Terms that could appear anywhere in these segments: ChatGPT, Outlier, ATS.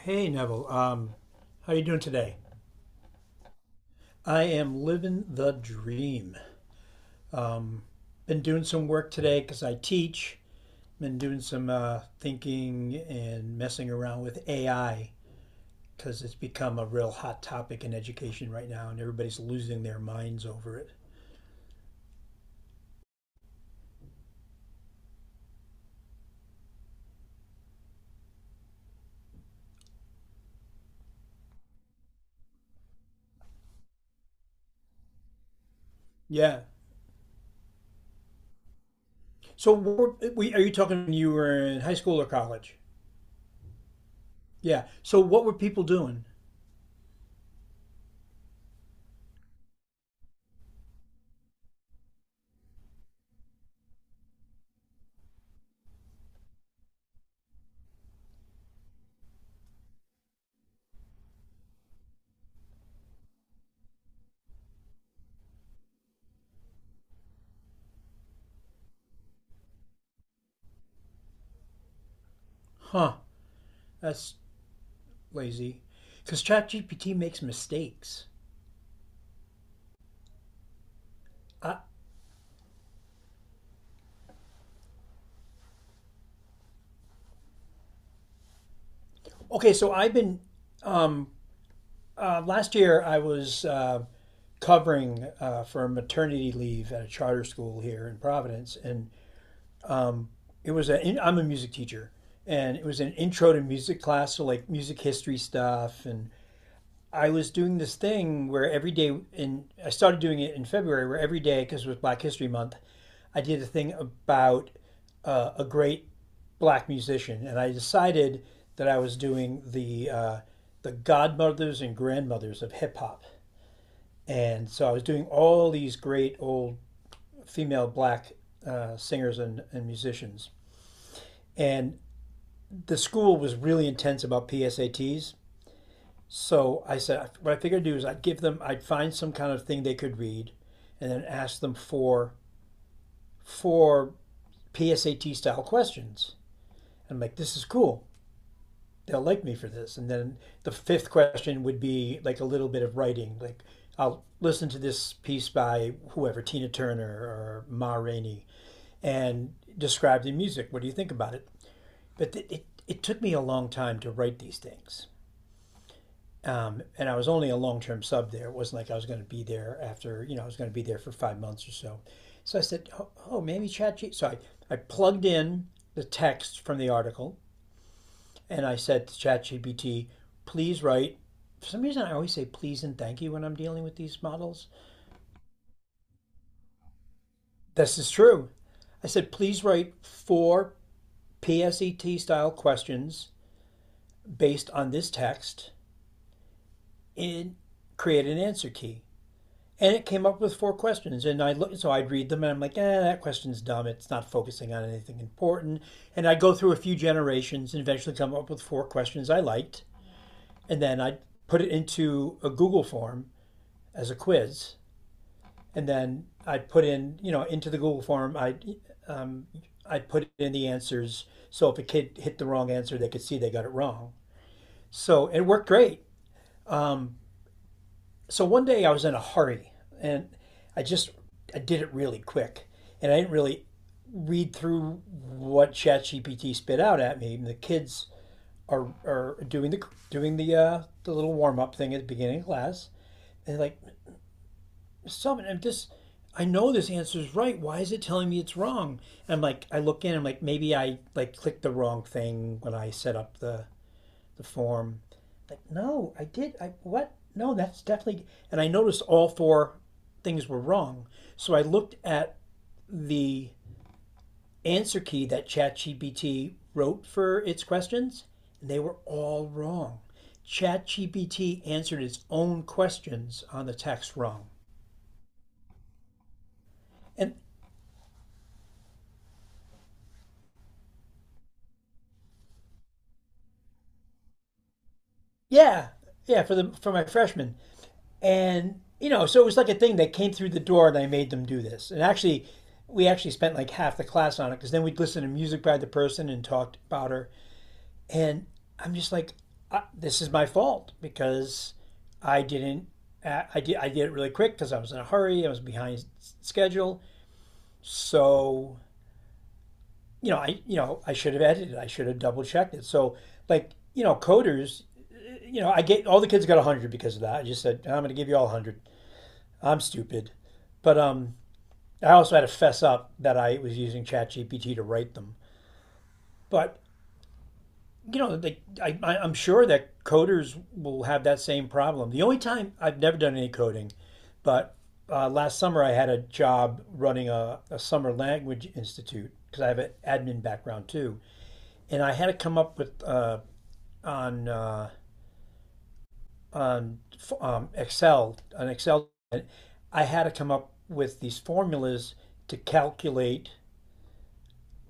Hey Neville, how you doing today? I am living the dream. Been doing some work today because I teach. Been doing some thinking and messing around with AI because it's become a real hot topic in education right now, and everybody's losing their minds over it. Yeah. So, are you talking when you were in high school or college? Yeah. So, what were people doing? Huh. That's lazy. Because ChatGPT makes mistakes. I, okay, so I've been um, last year, I was covering for maternity leave at a charter school here in Providence, and it was a. I'm a music teacher, and it was an intro to music class, so like music history stuff. And I was doing this thing where every day, and I started doing it in February, where every day, because it was Black History Month, I did a thing about a great black musician, and I decided that I was doing the godmothers and grandmothers of hip hop. And so I was doing all these great old female black singers and musicians. And the school was really intense about PSATs. So I said, what I figured I'd do is I'd give them, I'd find some kind of thing they could read and then ask them for PSAT style questions. And I'm like, this is cool. They'll like me for this. And then the fifth question would be like a little bit of writing. Like, I'll listen to this piece by whoever, Tina Turner or Ma Rainey and describe the music. What do you think about it? But it took me a long time to write these things. And I was only a long term sub there. It wasn't like I was going to be there after, you know, I was going to be there for 5 months or so. So I said, oh, oh maybe ChatGPT. I plugged in the text from the article and I said to ChatGPT, please write. For some reason, I always say please and thank you when I'm dealing with these models. This is true. I said, please write four PSET style questions based on this text and create an answer key. And it came up with four questions. And I look, so I'd read them and I'm like, eh, that question's dumb. It's not focusing on anything important. And I'd go through a few generations and eventually come up with four questions I liked. And then I'd put it into a Google form as a quiz. And then I'd put in, you know, into the Google form, I'd put in the answers. So if a kid hit the wrong answer, they could see they got it wrong. So it worked great. So one day I was in a hurry and I just I did it really quick and I didn't really read through what ChatGPT spit out at me. And the kids are doing the the little warm up thing at the beginning of class and they're like something I'm just I know this answer is right. Why is it telling me it's wrong? And I'm like I look in. I'm like maybe I like clicked the wrong thing when I set up the form. Like, no, I did. I what? No, that's definitely. And I noticed all four things were wrong. So I looked at the answer key that ChatGPT wrote for its questions, and they were all wrong. ChatGPT answered its own questions on the text wrong. And yeah, yeah, for the for my freshman, and, you know, so it was like a thing that came through the door and I made them do this. And actually, we actually spent like half the class on it because then we'd listen to music by the person and talked about her. And I'm just like, this is my fault because I didn't. I did it really quick because I was in a hurry. I was behind schedule. So, you know, I should have edited. I should have double checked it. So, like, you know, coders, you know, I get all the kids got 100 because of that. I just said, I'm going to give you all 100. I'm stupid. But I also had to fess up that I was using ChatGPT to write them. But you know, am sure that coders will have that same problem. The only time I've never done any coding, but last summer I had a job running a summer language institute because I have an admin background too, and I had to come up with on uh, on Excel. I had to come up with these formulas to calculate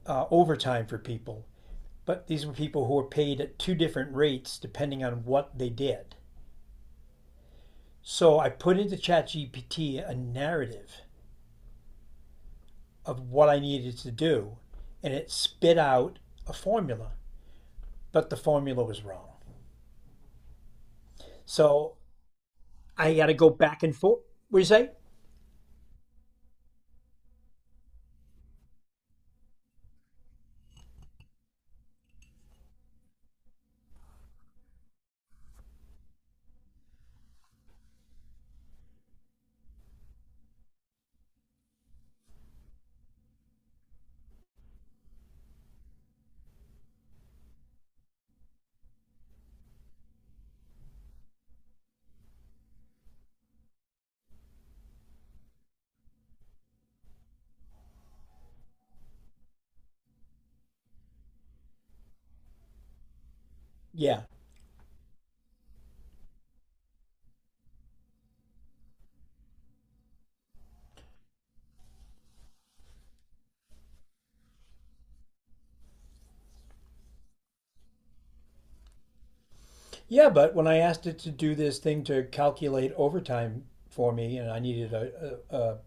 overtime for people. But these were people who were paid at two different rates depending on what they did. So I put into ChatGPT a narrative of what I needed to do, and it spit out a formula, but the formula was wrong. So I got to go back and forth. What do you say? Yeah. Yeah, but when I asked it to do this thing to calculate overtime for me, and I needed a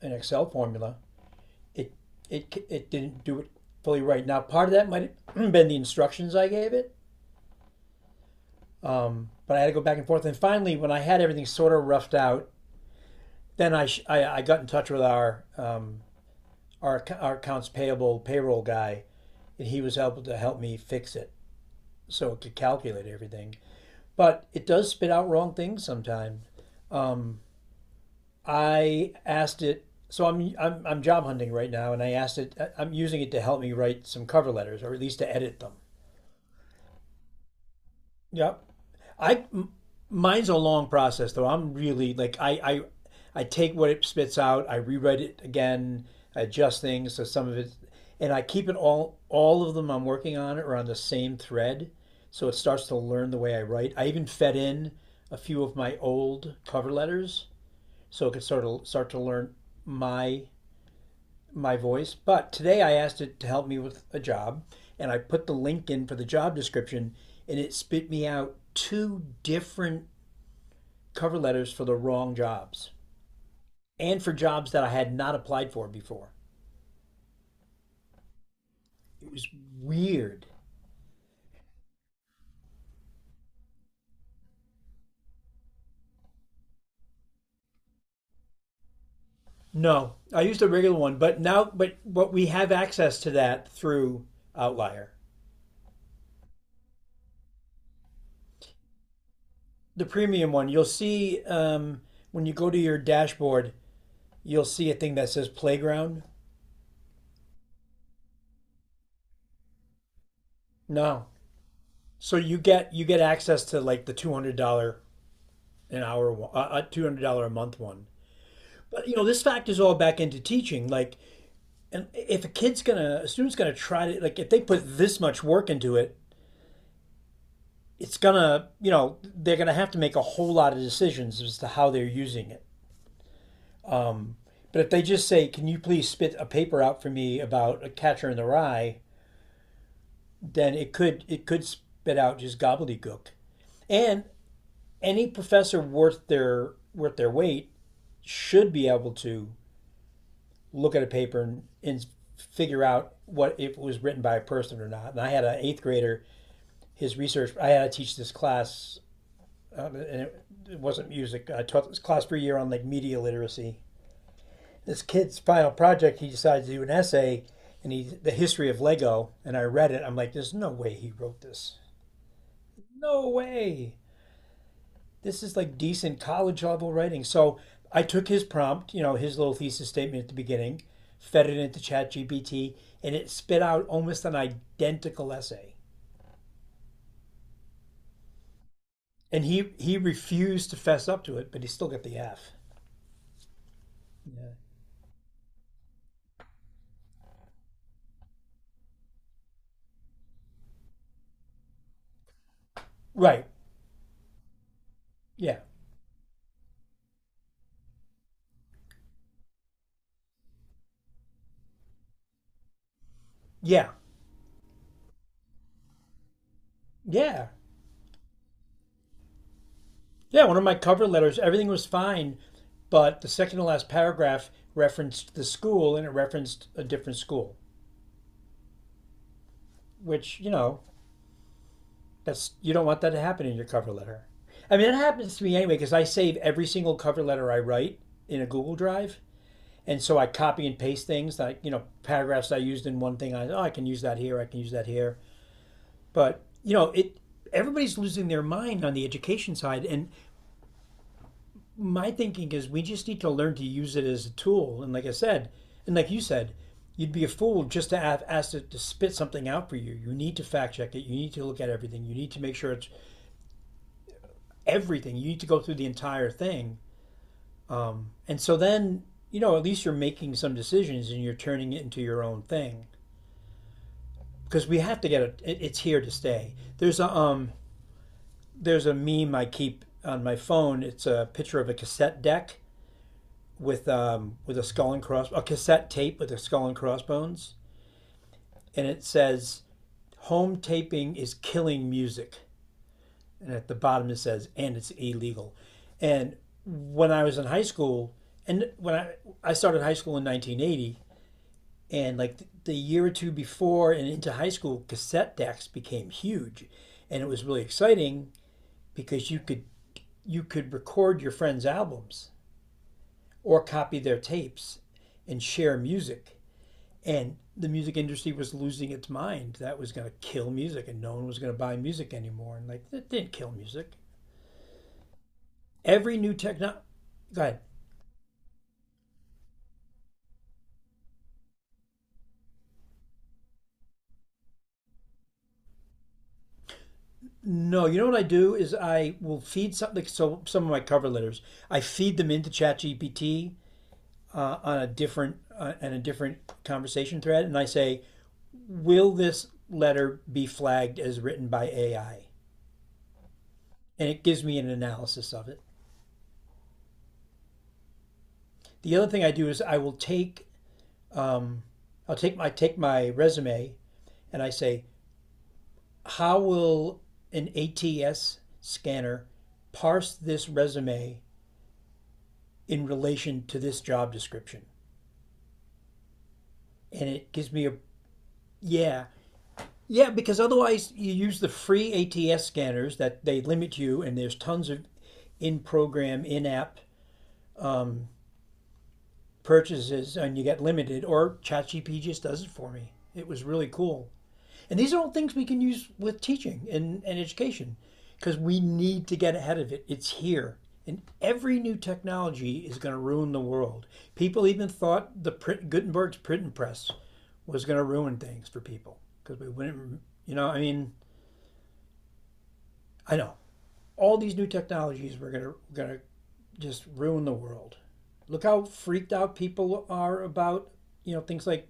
an Excel formula, it it didn't do it fully right. Now, part of that might have been the instructions I gave it. But I had to go back and forth. And finally, when I had everything sort of roughed out, then I got in touch with our, our accounts payable payroll guy, and he was able to help me fix it so it could calculate everything. But it does spit out wrong things sometimes. I asked it, so I'm job hunting right now, and I asked it, I'm using it to help me write some cover letters or at least to edit them. Yep. I m- mine's a long process though. I'm really like I take what it spits out, I rewrite it again, I adjust things so some of it and I keep it all of them I'm working on are on the same thread, so it starts to learn the way I write. I even fed in a few of my old cover letters so it could sort of start to learn my my voice. But today I asked it to help me with a job, and I put the link in for the job description, and it spit me out two different cover letters for the wrong jobs and for jobs that I had not applied for before. It was weird. No, I used a regular one, but now, but we have access to that through Outlier, the premium one. You'll see when you go to your dashboard, you'll see a thing that says playground. No, so you get access to like the $200 an hour, $200 a month one. But you know this factors all back into teaching. Like, and if a student's gonna try to like, if they put this much work into it, it's gonna, you know, they're gonna have to make a whole lot of decisions as to how they're using it. But if they just say, "Can you please spit a paper out for me about a catcher in the rye?" Then it could spit out just gobbledygook. And any professor worth their weight should be able to look at a paper and figure out what if it was written by a person or not. And I had an eighth grader, I had to teach this class, and it wasn't music. I taught this class for a year on like media literacy. This kid's final project, he decided to do an essay, and he the history of Lego. And I read it. I'm like, there's no way he wrote this. No way. This is like decent college level writing. So I took his prompt, you know, his little thesis statement at the beginning, fed it into ChatGPT, and it spit out almost an identical essay. And he refused to fess up to it, but he still got the F. Yeah. Right. Yeah. Yeah. Yeah. Yeah. One of my cover letters, everything was fine, but the second to last paragraph referenced the school and it referenced a different school, which, you know, that's you don't want that to happen in your cover letter. I mean, it happens to me anyway because I save every single cover letter I write in a Google Drive, and so I copy and paste things like you know paragraphs I used in one thing. I oh I can use that here, I can use that here. But you know it. Everybody's losing their mind on the education side, and my thinking is we just need to learn to use it as a tool. And like I said, and like you said, you'd be a fool just to have, ask it to spit something out for you. You need to fact check it. You need to look at everything. You need to make sure it's everything. You need to go through the entire thing. And so then, you know, at least you're making some decisions and you're turning it into your own thing because we have to get it. It's here to stay. There's a there's a meme I keep on my phone. It's a picture of a cassette deck with a skull and cross a cassette tape with a skull and crossbones, and it says home taping is killing music. And at the bottom it says and it's illegal. And when I was in high school, and when I started high school in 1980, and like the year or two before and into high school, cassette decks became huge, and it was really exciting because you could record your friends' albums or copy their tapes and share music. And the music industry was losing its mind. That was going to kill music, and no one was going to buy music anymore. And like, it didn't kill music. Every new techno. Go ahead. No, you know what I do is I will feed something. So some of my cover letters, I feed them into ChatGPT on a different and a different conversation thread, and I say, "Will this letter be flagged as written by AI?" And it gives me an analysis of it. The other thing I do is I will take um, I'll take my resume and I say, "How will an ATS scanner parse this resume in relation to this job description?" And it gives me a yeah. Yeah, because otherwise you use the free ATS scanners that they limit you, and there's tons of in program, in app um, purchases, and you get limited, or ChatGPT just does it for me. It was really cool. And these are all things we can use with teaching and education because we need to get ahead of it. It's here. And every new technology is going to ruin the world. People even thought the print, Gutenberg's printing press was going to ruin things for people because we wouldn't, you know, I mean, I know all these new technologies were going to just ruin the world. Look how freaked out people are about, you know, things like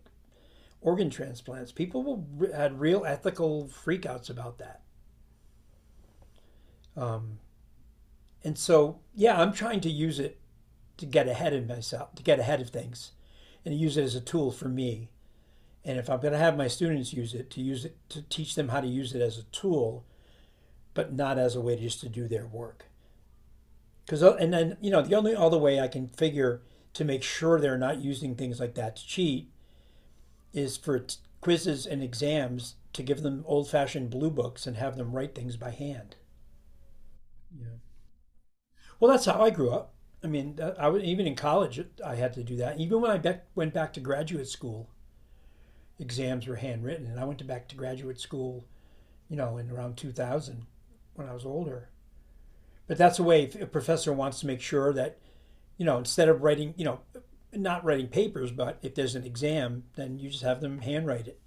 organ transplants. People will, had real ethical freakouts about that. Um, and so, yeah, I'm trying to use it to get ahead of myself, to get ahead of things, and use it as a tool for me. And if I'm going to have my students use it to teach them how to use it as a tool, but not as a way just to do their work. Because and then you know the only other way I can figure to make sure they're not using things like that to cheat is for quizzes and exams to give them old-fashioned blue books and have them write things by hand. Yeah. Well, that's how I grew up. I mean, I was even in college. I had to do that. Even when I went back to graduate school, exams were handwritten, and I went to back to graduate school. You know, in around 2000 when I was older. But that's the way if a professor wants to make sure that you know, instead of writing, you know, not writing papers, but if there's an exam, then you just have them handwrite it.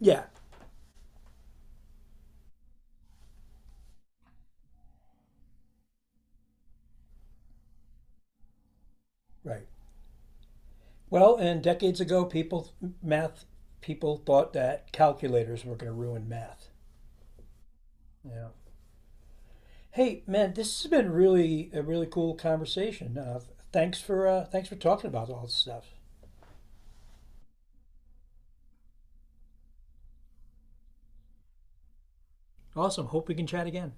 Yeah, right. Well, and decades ago, people, math people thought that calculators were going to ruin math. Yeah. Hey, man, this has been really a really cool conversation. Thanks for thanks for talking about all this stuff. Awesome. Hope we can chat again.